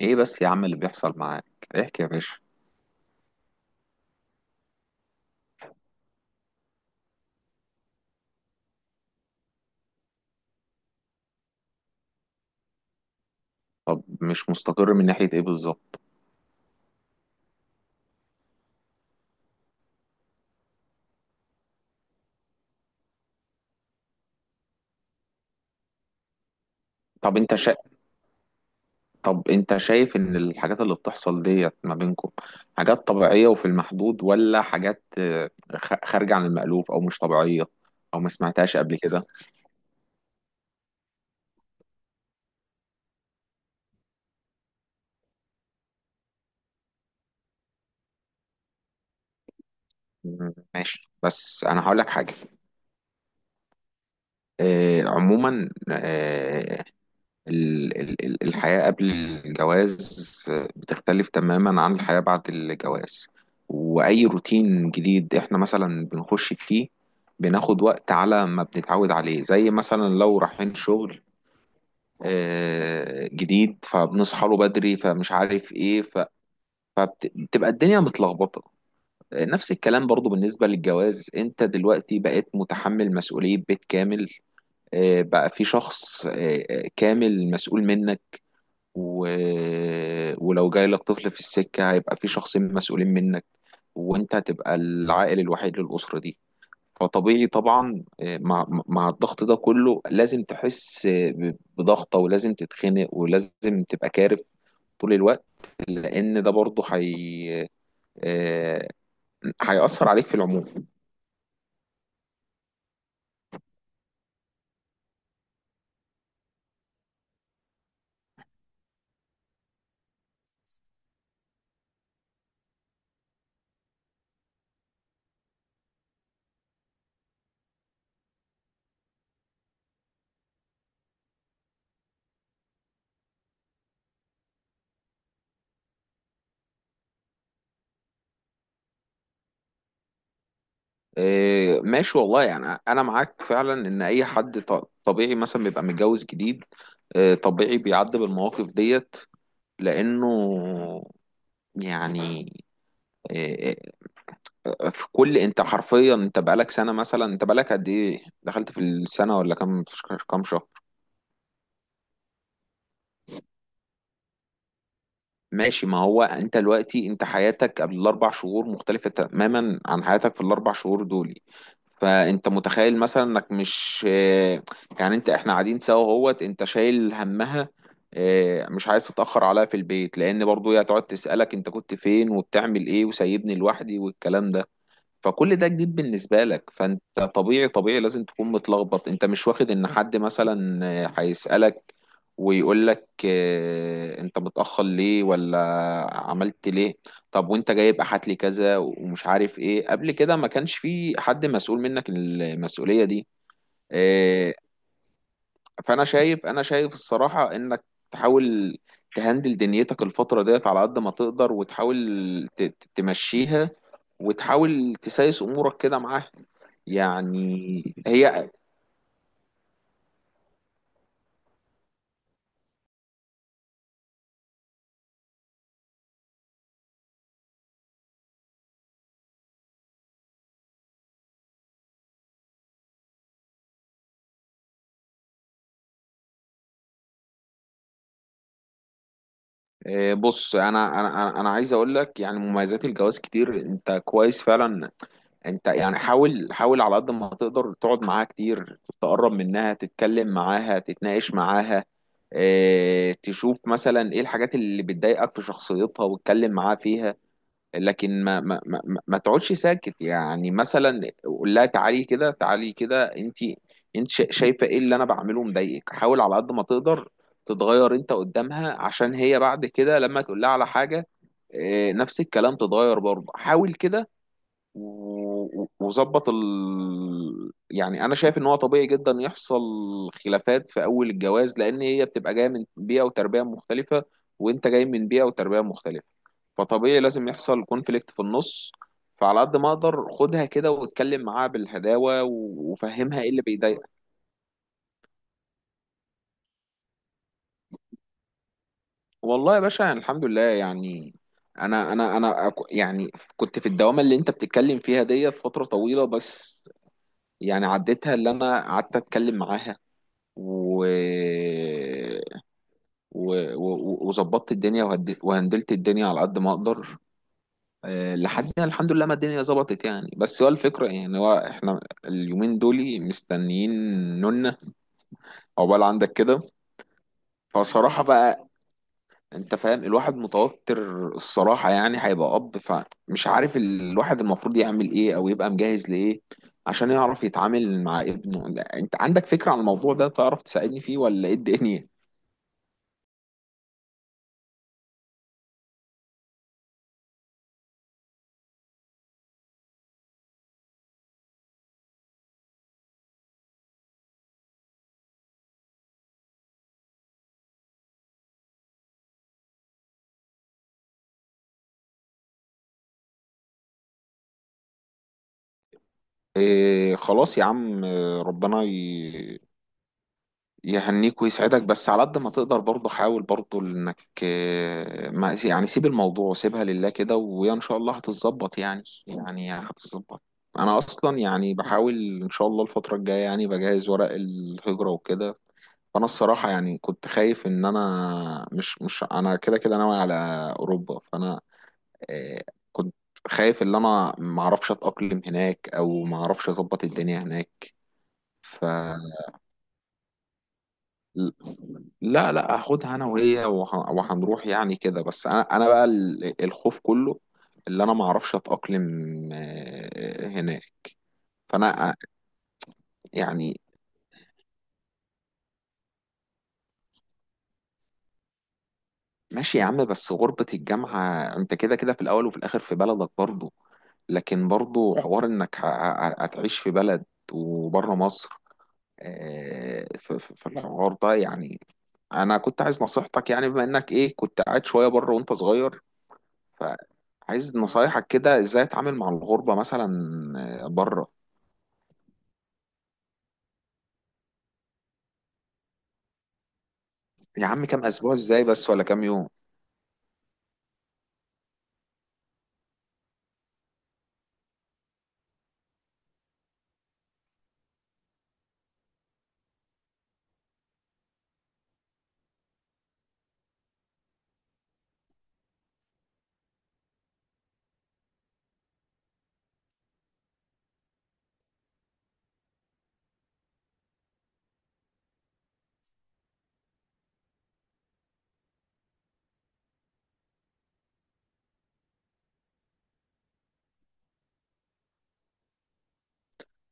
ايه بس يا عم اللي بيحصل معاك؟ احكي يا باشا. طب مش مستقر من ناحية ايه بالظبط؟ طب انت شا... طب انت شايف ان الحاجات اللي بتحصل ديت ما بينكم حاجات طبيعية وفي المحدود، ولا حاجات خارجة عن المألوف او مش طبيعية، او ما سمعتهاش قبل كده؟ مم، ماشي، بس انا هقول لك حاجة. عموما، الحياة قبل الجواز بتختلف تماما عن الحياة بعد الجواز. وأي روتين جديد إحنا مثلا بنخش فيه، بناخد وقت على ما بنتعود عليه. زي مثلا لو رايحين شغل جديد، فبنصحى له بدري، فمش عارف إيه، فبتبقى الدنيا متلخبطة. نفس الكلام برضو بالنسبة للجواز. أنت دلوقتي بقيت متحمل مسؤولية بيت كامل، بقى في شخص كامل مسؤول منك. و... ولو جاي لك طفل في السكة، هيبقى في شخصين مسؤولين منك، وانت هتبقى العائل الوحيد للأسرة دي. فطبيعي طبعا مع الضغط ده كله لازم تحس بضغطة، ولازم تتخنق، ولازم تبقى كارف طول الوقت. لأن ده برضه حي... آه، هيأثر عليك في العموم. ماشي، والله يعني أنا معاك فعلا. إن أي حد طبيعي مثلا بيبقى متجوز جديد، طبيعي بيعدي بالمواقف ديت. لانه يعني إيه، إيه، في كل، انت حرفيا، انت بقالك سنه مثلا؟ انت بقالك قد ايه؟ دخلت في السنه ولا كام؟ كام شهر؟ ماشي. ما هو انت دلوقتي، انت حياتك قبل الاربع شهور مختلفه تماما عن حياتك في الاربع شهور دول. فانت متخيل مثلا انك مش يعني. احنا قاعدين سوا اهوت، انت شايل همها، مش عايز تتاخر عليها في البيت، لان برضو هي هتقعد تسالك انت كنت فين وبتعمل ايه وسايبني لوحدي والكلام ده. فكل ده جديد بالنسبة لك. فانت طبيعي طبيعي لازم تكون متلخبط. انت مش واخد ان حد مثلا هيسألك ويقول لك انت متأخر ليه، ولا عملت ليه. طب وانت جايب؟ هات لي كذا ومش عارف ايه. قبل كده ما كانش في حد مسؤول منك المسؤولية دي. آه، فانا شايف، انا شايف، الصراحه، انك تحاول تهندل دنيتك الفتره ديت على قد ما تقدر، وتحاول تمشيها، وتحاول تسايس امورك كده معاها. يعني هي. بص، انا عايز اقول لك يعني مميزات الجواز كتير. انت كويس فعلا. انت يعني حاول، على قد ما تقدر تقعد معاها كتير، تقرب منها، تتكلم معاها، تتناقش معاها. تشوف مثلا ايه الحاجات اللي بتضايقك في شخصيتها، واتكلم معاها فيها. لكن ما تقعدش ساكت. يعني مثلا قول لها تعالي كده، تعالي كده، انت شايفه ايه اللي انا بعمله مضايقك؟ حاول على قد ما تقدر تتغير انت قدامها، عشان هي بعد كده لما تقول لها على حاجه، اه، نفس الكلام، تتغير برضه. حاول كده. وظبط يعني انا شايف ان هو طبيعي جدا يحصل خلافات في اول الجواز، لان هي بتبقى جايه من بيئه وتربيه مختلفه، وانت جاي من بيئه وتربيه مختلفه. فطبيعي لازم يحصل كونفليكت في النص. فعلى قد ما اقدر خدها كده واتكلم معاها بالهداوه، وفهمها ايه اللي بيضايقها. والله يا باشا، يعني الحمد لله يعني. يعني كنت في الدوامه اللي انت بتتكلم فيها ديت فتره طويله، بس يعني عديتها. اللي انا قعدت اتكلم معاها، و وظبطت الدنيا، وهندلت الدنيا على قد ما اقدر. لحدنا الحمد لله ما الدنيا ظبطت يعني. بس هو الفكرة يعني، هو احنا اليومين دول مستنيين نونا. عقبال عندك كده. فصراحة بقى، انت فاهم، الواحد متوتر الصراحة. يعني هيبقى أب، فمش عارف الواحد المفروض يعمل ايه، أو يبقى مجهز لإيه عشان يعرف يتعامل مع ابنه. لا، انت عندك فكرة عن الموضوع ده؟ تعرف تساعدني فيه، ولا ايه الدنيا؟ إيه خلاص يا عم، ربنا يهنيك ويسعدك. بس على قد ما تقدر برضه، حاول برضه انك ما، يعني، سيب الموضوع، سيبها لله كده، ان شاء الله هتتظبط يعني، هتتظبط. انا اصلا يعني بحاول ان شاء الله الفتره الجايه يعني بجهز ورق الهجره وكده. فانا الصراحه يعني كنت خايف ان انا مش مش انا كده كده ناوي على اوروبا. فانا آه، كنت خايف ان انا ما اعرفش اتاقلم هناك، او ما اعرفش اظبط الدنيا هناك. ف لا، لا، هاخدها انا وهي، وهنروح يعني كده. بس انا بقى الخوف كله اللي انا ما اعرفش اتاقلم هناك. فانا يعني. ماشي يا عم، بس غربة الجامعة انت كده كده في الاول وفي الاخر في بلدك برضه. لكن برضه حوار انك هتعيش في بلد وبره مصر، في الحوار ده يعني. انا كنت عايز نصيحتك، يعني بما انك ايه، كنت قاعد شوية بره وانت صغير، عايز نصايحك كده ازاي اتعامل مع الغربة مثلا بره. يا عم كام اسبوع ازاي بس؟ ولا كام يوم؟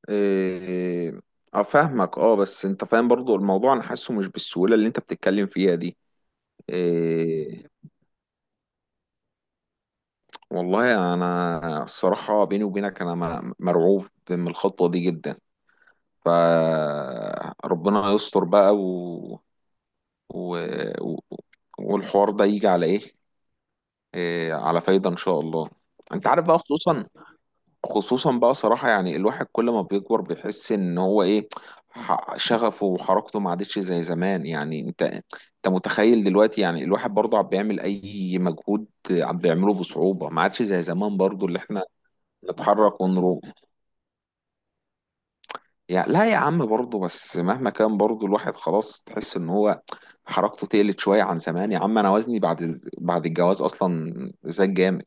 إيه، اه، فاهمك. اه، بس انت فاهم برضو الموضوع. انا حاسه مش بالسهولة اللي انت بتتكلم فيها دي. إيه، والله انا الصراحة بيني وبينك انا مرعوب من الخطوة دي جدا. فربنا يستر بقى، و... و... والحوار ده يجي على ايه. على فايدة ان شاء الله. انت عارف بقى، خصوصا، بقى صراحة، يعني الواحد كل ما بيكبر بيحس ان هو ايه، شغفه وحركته ما عادتش زي زمان. يعني انت متخيل دلوقتي يعني الواحد برضه عم بيعمل اي مجهود عم بيعمله بصعوبة. ما عادش زي زمان برضه، اللي احنا نتحرك ونروح يعني. لا يا عم، برضه بس مهما كان برضه الواحد خلاص تحس ان هو حركته تقلت شوية عن زمان. يا عم انا وزني بعد الجواز اصلا زاد جامد.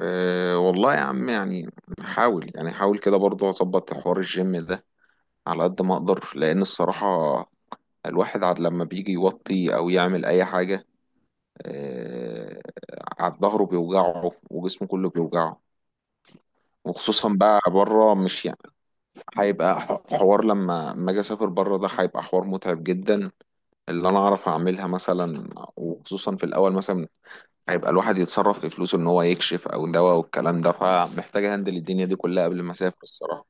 أه والله يا عم يعني حاول، يعني حاول كده برضه اظبط حوار الجيم ده على قد ما اقدر. لان الصراحة الواحد عاد لما بيجي يوطي او يعمل اي حاجة، آه، عاد ظهره بيوجعه وجسمه كله بيوجعه. وخصوصا بقى بره، مش يعني، هيبقى حوار لما اجي اسافر بره. ده هيبقى حوار متعب جدا اللي انا اعرف اعملها مثلا. وخصوصا في الاول مثلا هيبقى الواحد يتصرف في فلوسه ان هو يكشف او دواء والكلام ده. فمحتاج اهندل الدنيا دي كلها قبل ما اسافر الصراحة.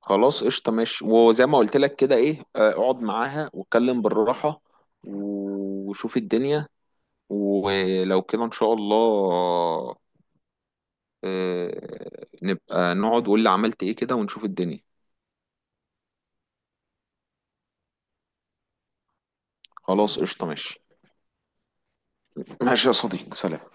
خلاص قشطة، ماشي. وزي ما قلت لك كده، ايه، اقعد معاها واتكلم بالراحة وشوف الدنيا. ولو كده ان شاء الله نبقى نقعد، وقول لي عملت ايه كده، ونشوف الدنيا. خلاص قشطة ماشي. ماشي يا صديقي، سلام.